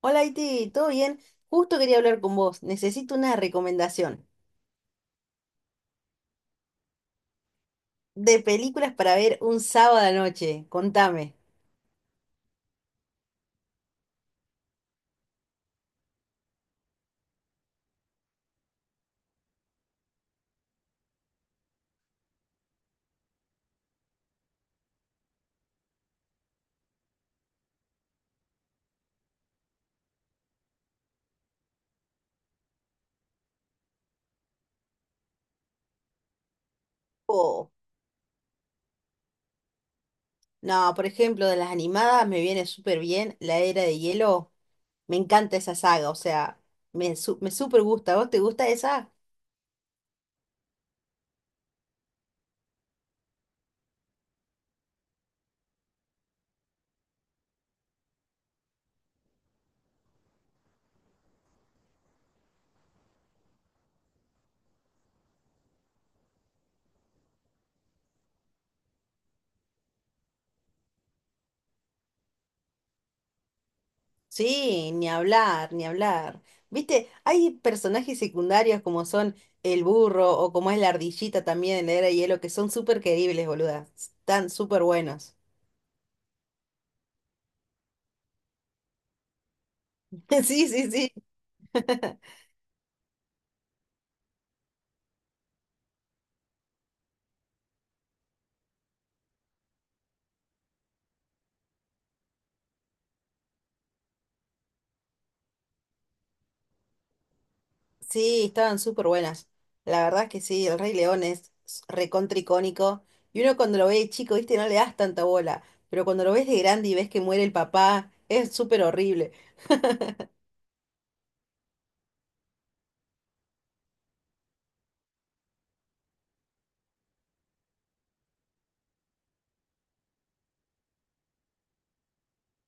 Hola, Iti, ¿todo bien? Justo quería hablar con vos. Necesito una recomendación de películas para ver un sábado a la noche. Contame. Oh, no, por ejemplo, de las animadas me viene súper bien La Era de Hielo. Me encanta esa saga, o sea, me súper gusta. ¿A ¿Vos te gusta esa? Sí, ni hablar, ni hablar. Viste, hay personajes secundarios como son el burro o como es la ardillita también en La Era de Hielo que son súper queribles, boluda. Están súper buenos. Sí, sí, sí. Sí, estaban súper buenas. La verdad es que sí, el Rey León recontra icónico. Y uno cuando lo ve de chico, viste, no le das tanta bola. Pero cuando lo ves de grande y ves que muere el papá, es súper horrible.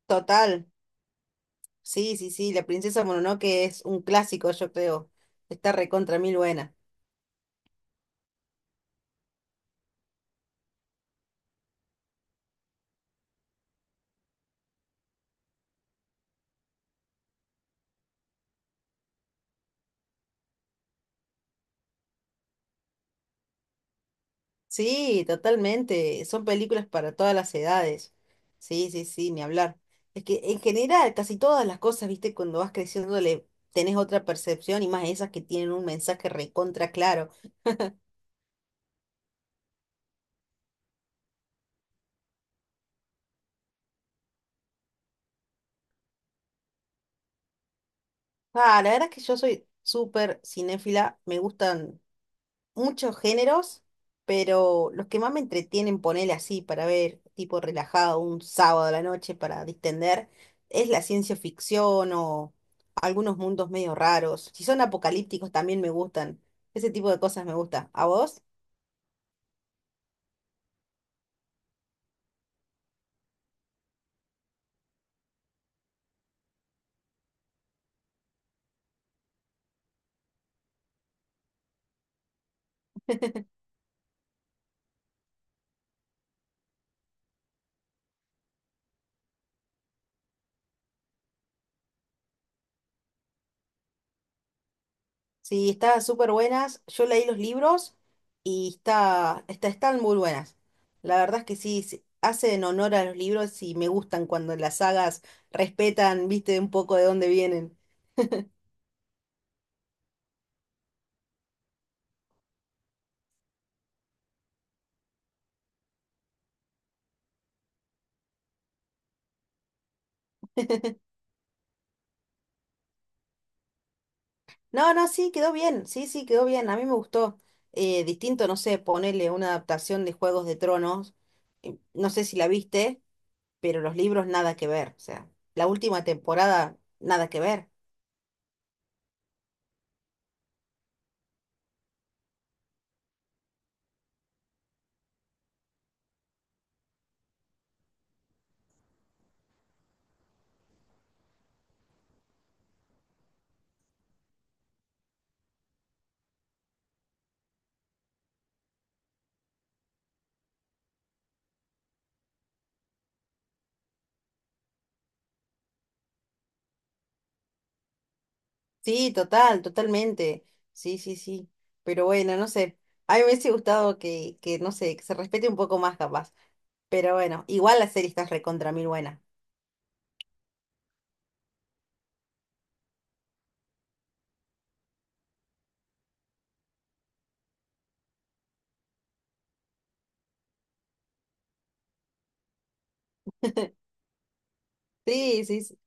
Total. Sí, sí, sí, la princesa Mononoke es un clásico, yo creo. Está recontra mil buena. Sí, totalmente. Son películas para todas las edades. Sí, sí, sí, ni hablar. Es que en general, casi todas las cosas, viste, cuando vas creciendo le tenés otra percepción y más esas que tienen un mensaje recontra claro. Ah, la verdad es que yo soy súper cinéfila, me gustan muchos géneros, pero los que más me entretienen, ponerle así para ver, tipo relajado, un sábado a la noche para distender, es la ciencia ficción o algunos mundos medio raros. Si son apocalípticos también me gustan. Ese tipo de cosas me gusta. ¿A vos? Sí, están súper buenas. Yo leí los libros y están muy buenas. La verdad es que sí, hacen honor a los libros y me gustan cuando las sagas respetan, viste, un poco de dónde vienen. No, no, sí, quedó bien, sí, sí, quedó bien, a mí me gustó. Distinto, no sé, ponerle una adaptación de Juegos de Tronos, no sé si la viste, pero los libros nada que ver, o sea, la última temporada nada que ver. Sí, total, totalmente, sí, sí, sí, pero bueno, no sé, a mí me hubiese gustado que no sé, que se respete un poco más capaz, pero bueno, igual la serie está recontra mil buena. Sí, sí, sí.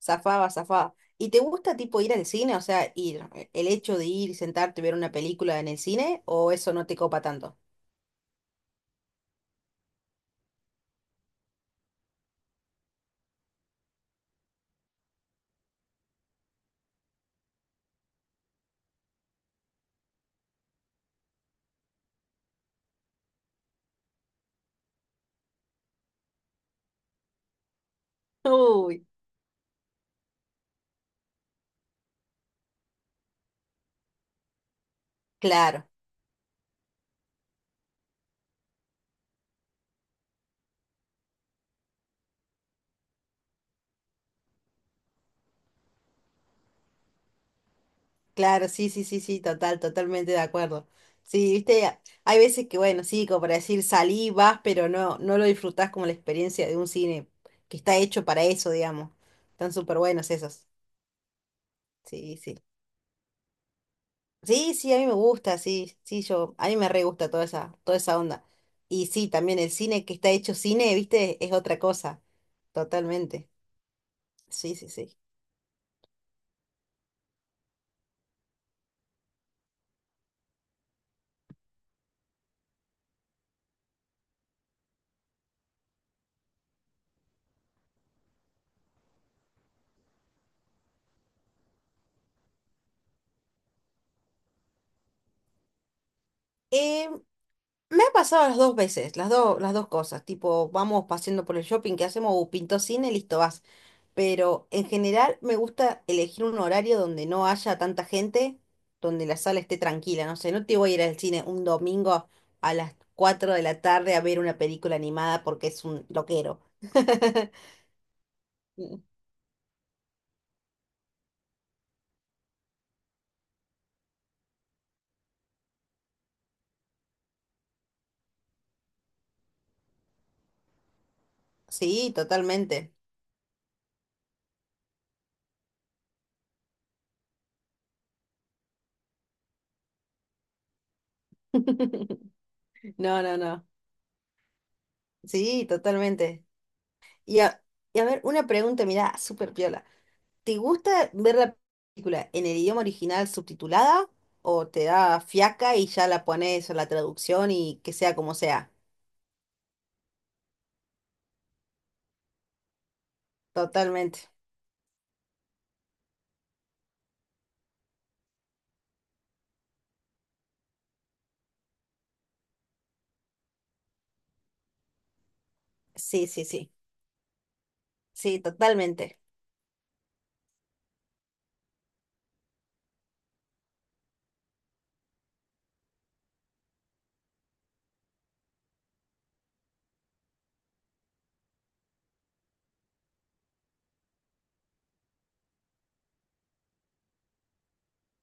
Zafaba, zafaba. ¿Y te gusta tipo ir al cine? O sea, ir, el hecho de ir y sentarte y ver una película en el cine, ¿o eso no te copa tanto? Uy, claro, claro, sí, sí, sí, sí, total, totalmente de acuerdo. Sí, viste, hay veces que, bueno, sí, como para decir, salí, vas, pero no, no lo disfrutás como la experiencia de un cine que está hecho para eso, digamos. Están súper buenos esos. Sí, sí. Sí, sí, a mí me gusta, sí, sí, yo, a mí me re gusta toda esa onda. Y sí, también el cine que está hecho cine, viste, es otra cosa, totalmente. Sí, sí, sí. Eh, Me ha pasado las dos veces, las dos cosas, tipo, vamos paseando por el shopping, ¿qué hacemos? Pintó cine, listo, vas. Pero en general me gusta elegir un horario donde no haya tanta gente, donde la sala esté tranquila, no sé, no te voy a ir al cine un domingo a las 4 de la tarde a ver una película animada porque es un loquero. Sí, totalmente. No, no, no. Sí, totalmente. Y a, y a ver, una pregunta, mirá, súper piola. ¿Te gusta ver la película en el idioma original subtitulada o te da fiaca y ya la pones en la traducción y que sea como sea? Totalmente. Sí, sí, sí. Sí, totalmente.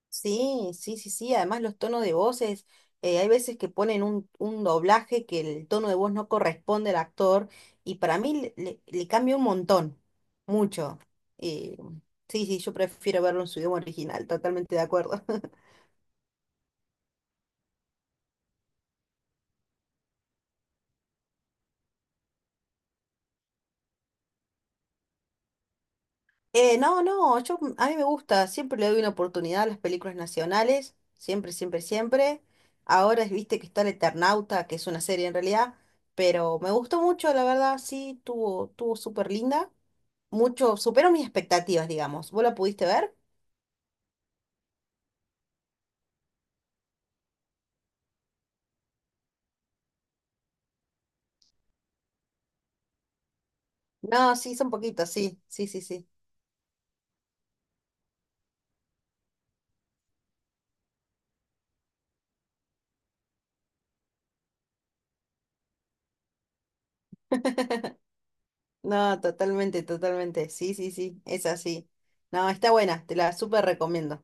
Sí, sí, sí, sí. Además los tonos de voces, hay veces que ponen un doblaje que el tono de voz no corresponde al actor y para mí le cambia un montón, mucho. Eh, sí, sí, yo prefiero verlo en su idioma original, totalmente de acuerdo. No, no, yo, a mí me gusta, siempre le doy una oportunidad a las películas nacionales, siempre, siempre, siempre. Ahora viste que está El Eternauta, que es una serie en realidad, pero me gustó mucho, la verdad, sí, tuvo súper linda. Mucho, superó mis expectativas, digamos. ¿Vos la pudiste ver? No, sí, son poquitos, sí, sí, sí, sí. No, totalmente, totalmente, sí, sí, sí, es así. No, está buena, te la súper recomiendo.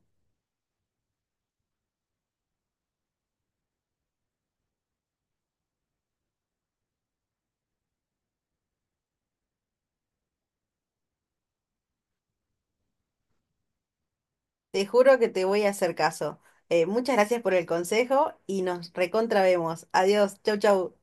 Te juro que te voy a hacer caso. Muchas gracias por el consejo y nos recontra vemos. Adiós, chau, chau.